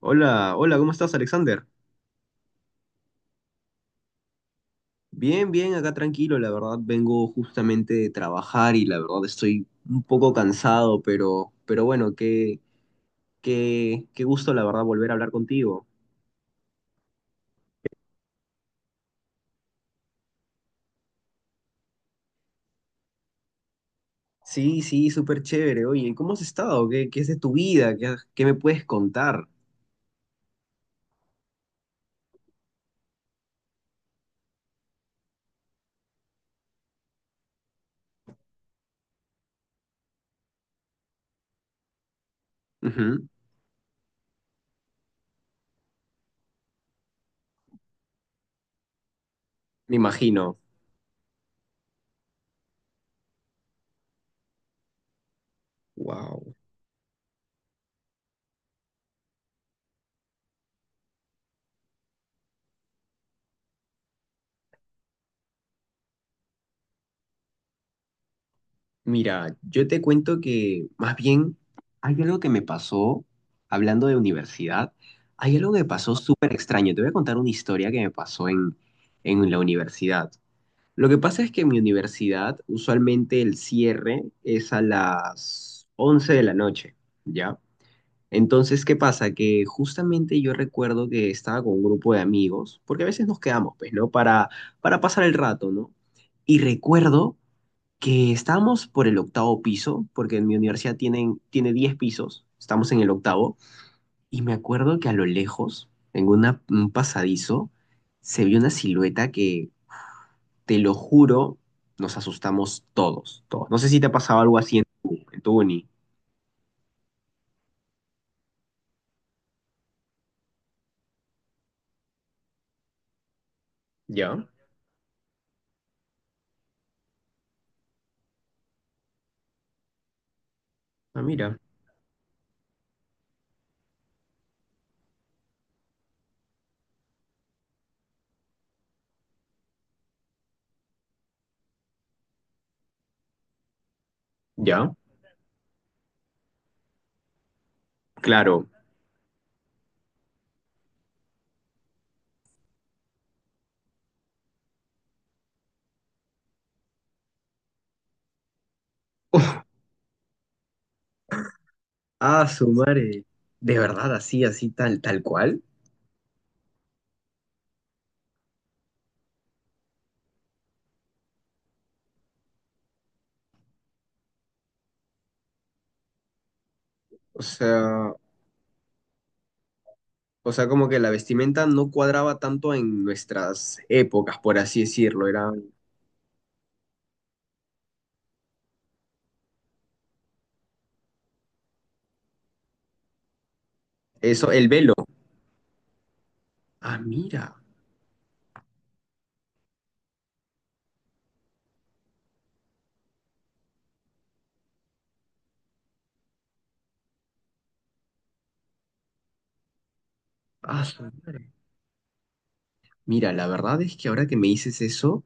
Hola, hola, ¿cómo estás, Alexander? Bien, bien, acá tranquilo, la verdad vengo justamente de trabajar y la verdad estoy un poco cansado, pero bueno, qué gusto, la verdad, volver a hablar contigo. Sí, sí, súper chévere. Oye, ¿cómo has estado? ¿Qué es de tu vida? ¿Qué me puedes contar? Ujú. Me imagino. Wow. Mira, yo te cuento que más bien hay algo que me pasó, hablando de universidad, hay algo que me pasó súper extraño. Te voy a contar una historia que me pasó en la universidad. Lo que pasa es que en mi universidad usualmente el cierre es a las 11 de la noche, ¿ya? Entonces, ¿qué pasa? Que justamente yo recuerdo que estaba con un grupo de amigos, porque a veces nos quedamos, pues, ¿no? Para pasar el rato, ¿no? Y recuerdo que estamos por el 8.º piso, porque en mi universidad tiene 10 pisos, estamos en el 8.º, y me acuerdo que a lo lejos, un pasadizo, se vio una silueta que, te lo juro, nos asustamos todos, todos. No sé si te ha pasado algo así en en tu uni. Ya. Ah, mira. Ya, claro. Ah, su madre. De verdad, así, así, tal, tal cual. O sea, o sea, como que la vestimenta no cuadraba tanto en nuestras épocas, por así decirlo. Era... Eso, el velo. Ah, mira. Ah, su madre. Mira, la verdad es que ahora que me dices eso,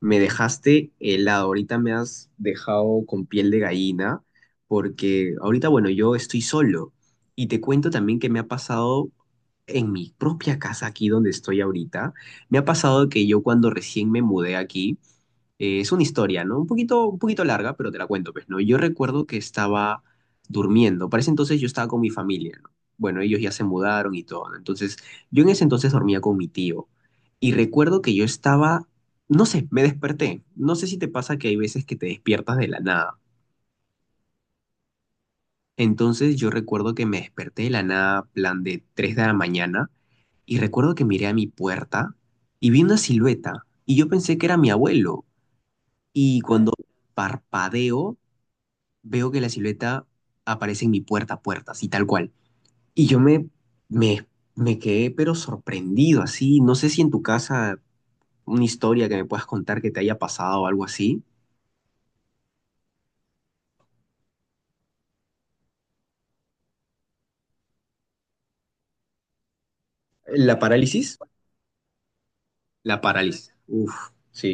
me dejaste helado. Ahorita me has dejado con piel de gallina, porque ahorita, bueno, yo estoy solo. Y te cuento también que me ha pasado en mi propia casa, aquí donde estoy ahorita, me ha pasado que yo cuando recién me mudé aquí... Es una historia, ¿no? Un poquito larga, pero te la cuento, pues, ¿no? Yo recuerdo que estaba durmiendo. Para ese entonces yo estaba con mi familia, ¿no? Bueno, ellos ya se mudaron y todo, ¿no? Entonces, yo en ese entonces dormía con mi tío. Y recuerdo que yo estaba, no sé, me desperté. No sé si te pasa que hay veces que te despiertas de la nada. Entonces, yo recuerdo que me desperté de la nada, plan de 3 de la mañana, y recuerdo que miré a mi puerta y vi una silueta. Y yo pensé que era mi abuelo. Y cuando parpadeo, veo que la silueta aparece en mi puerta a puerta, así tal cual. Y yo me, me, me quedé pero sorprendido, así. No sé si en tu casa una historia que me puedas contar que te haya pasado o algo así. ¿La parálisis? La parálisis. Uf, sí.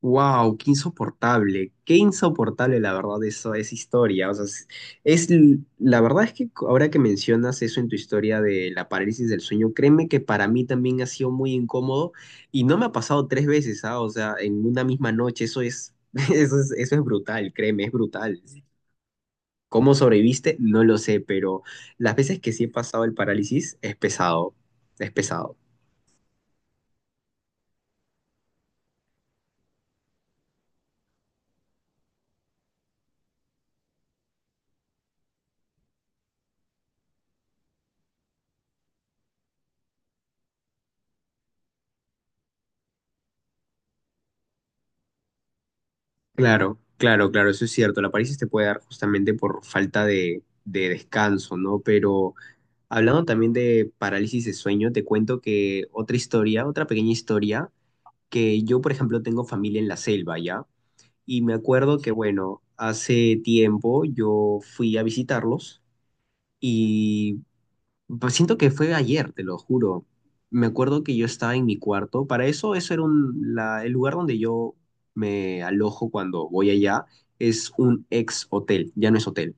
Wow, qué insoportable la verdad eso, esa historia. O sea, la verdad es que ahora que mencionas eso en tu historia de la parálisis del sueño, créeme que para mí también ha sido muy incómodo y no me ha pasado 3 veces, ¿ah? O sea, en una misma noche, eso es, eso es brutal, créeme, es brutal. ¿Cómo sobreviviste? No lo sé, pero las veces que sí he pasado el parálisis es pesado, es pesado. Claro, claro, claro, eso es cierto. La parálisis te puede dar justamente por falta de descanso, ¿no? Pero hablando también de parálisis de sueño, te cuento que otra historia, otra pequeña historia, que yo, por ejemplo, tengo familia en la selva, ¿ya? Y me acuerdo que, bueno, hace tiempo yo fui a visitarlos y pues siento que fue ayer, te lo juro. Me acuerdo que yo estaba en mi cuarto. Para eso, eso era el lugar donde yo me alojo cuando voy allá. Es un ex hotel, ya no es hotel.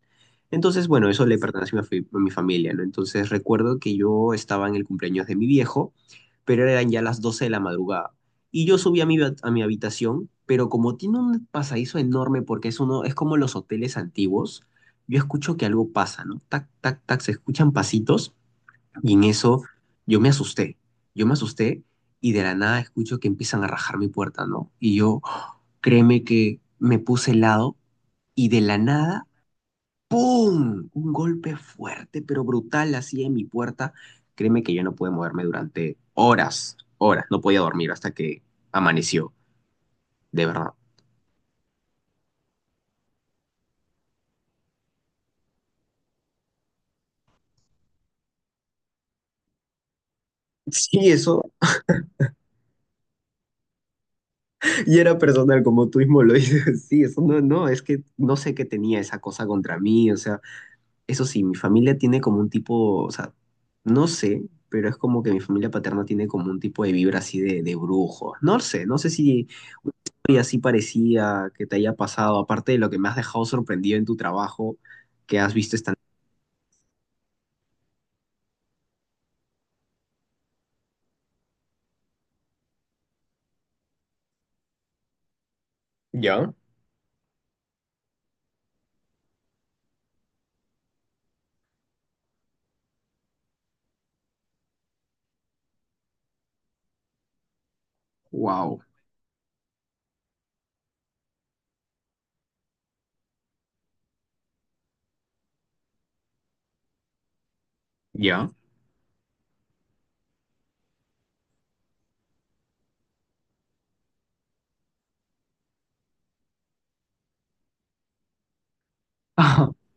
Entonces, bueno, eso le pertenece a a mi familia, ¿no? Entonces recuerdo que yo estaba en el cumpleaños de mi viejo, pero eran ya las 12 de la madrugada. Y yo subí a a mi habitación, pero como tiene un pasadizo enorme, porque es uno, es como los hoteles antiguos, yo escucho que algo pasa, ¿no? Tac, tac, tac, se escuchan pasitos. Y en eso yo me asusté, yo me asusté y de la nada escucho que empiezan a rajar mi puerta, ¿no? Y yo, créeme que me puse helado y de la nada, ¡pum! Un golpe fuerte, pero brutal, así en mi puerta. Créeme que yo no pude moverme durante horas, horas, no podía dormir hasta que amaneció, de verdad. Sí, eso, y era personal, como tú mismo lo dices, sí, eso no, no, es que no sé qué tenía esa cosa contra mí, o sea... Eso sí, mi familia tiene como un tipo, o sea, no sé, pero es como que mi familia paterna tiene como un tipo de vibra así de brujo. No sé, no sé si hoy así parecía que te haya pasado, aparte de lo que me has dejado sorprendido en tu trabajo, que has visto esta... ¿Ya? ¡Wow! ¿Ya?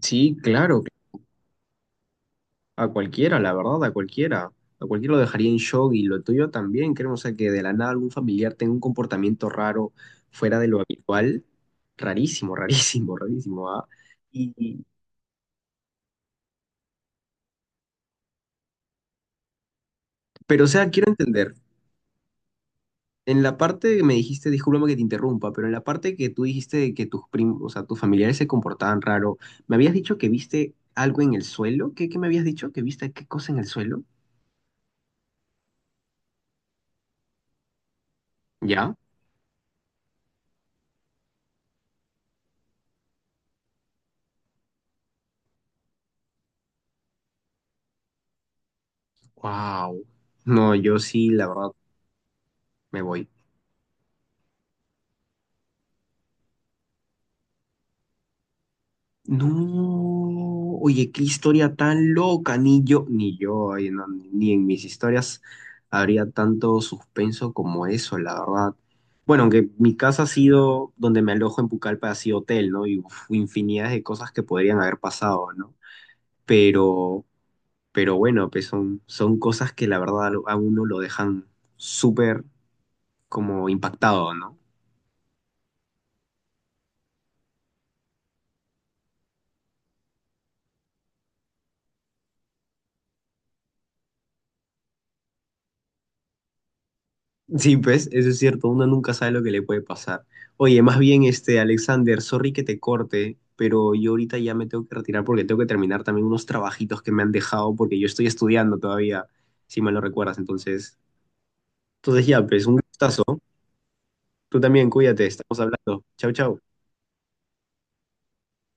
Sí, claro. A cualquiera, la verdad, a cualquiera. A cualquiera lo dejaría en shock y lo tuyo también, creo. O sea, que de la nada algún familiar tenga un comportamiento raro fuera de lo habitual. Rarísimo, rarísimo, rarísimo, ¿ah? Y, y- pero, o sea, quiero entender. En la parte que me dijiste, discúlpame que te interrumpa, pero en la parte que tú dijiste de que tus primos, o sea, tus familiares se comportaban raro, me habías dicho que viste algo en el suelo. ¿Qué me habías dicho? ¿Que viste qué cosa en el suelo? ¿Ya? Wow. No, yo sí, la verdad, me voy. No, oye, qué historia tan loca, ni yo, ni yo, ay, no, ni en mis historias habría tanto suspenso como eso, la verdad. Bueno, aunque mi casa ha sido, donde me alojo en Pucallpa, ha sido hotel, ¿no? Y uf, infinidad de cosas que podrían haber pasado, ¿no? Pero, pero bueno, pues son cosas que la verdad a uno lo dejan súper como impactado, ¿no? Sí, pues, eso es cierto, uno nunca sabe lo que le puede pasar. Oye, más bien, este, Alexander, sorry que te corte, pero yo ahorita ya me tengo que retirar porque tengo que terminar también unos trabajitos que me han dejado porque yo estoy estudiando todavía, si me lo recuerdas. Entonces ya, pues, un gustazo. Tú también, cuídate, estamos hablando. Chau, chau.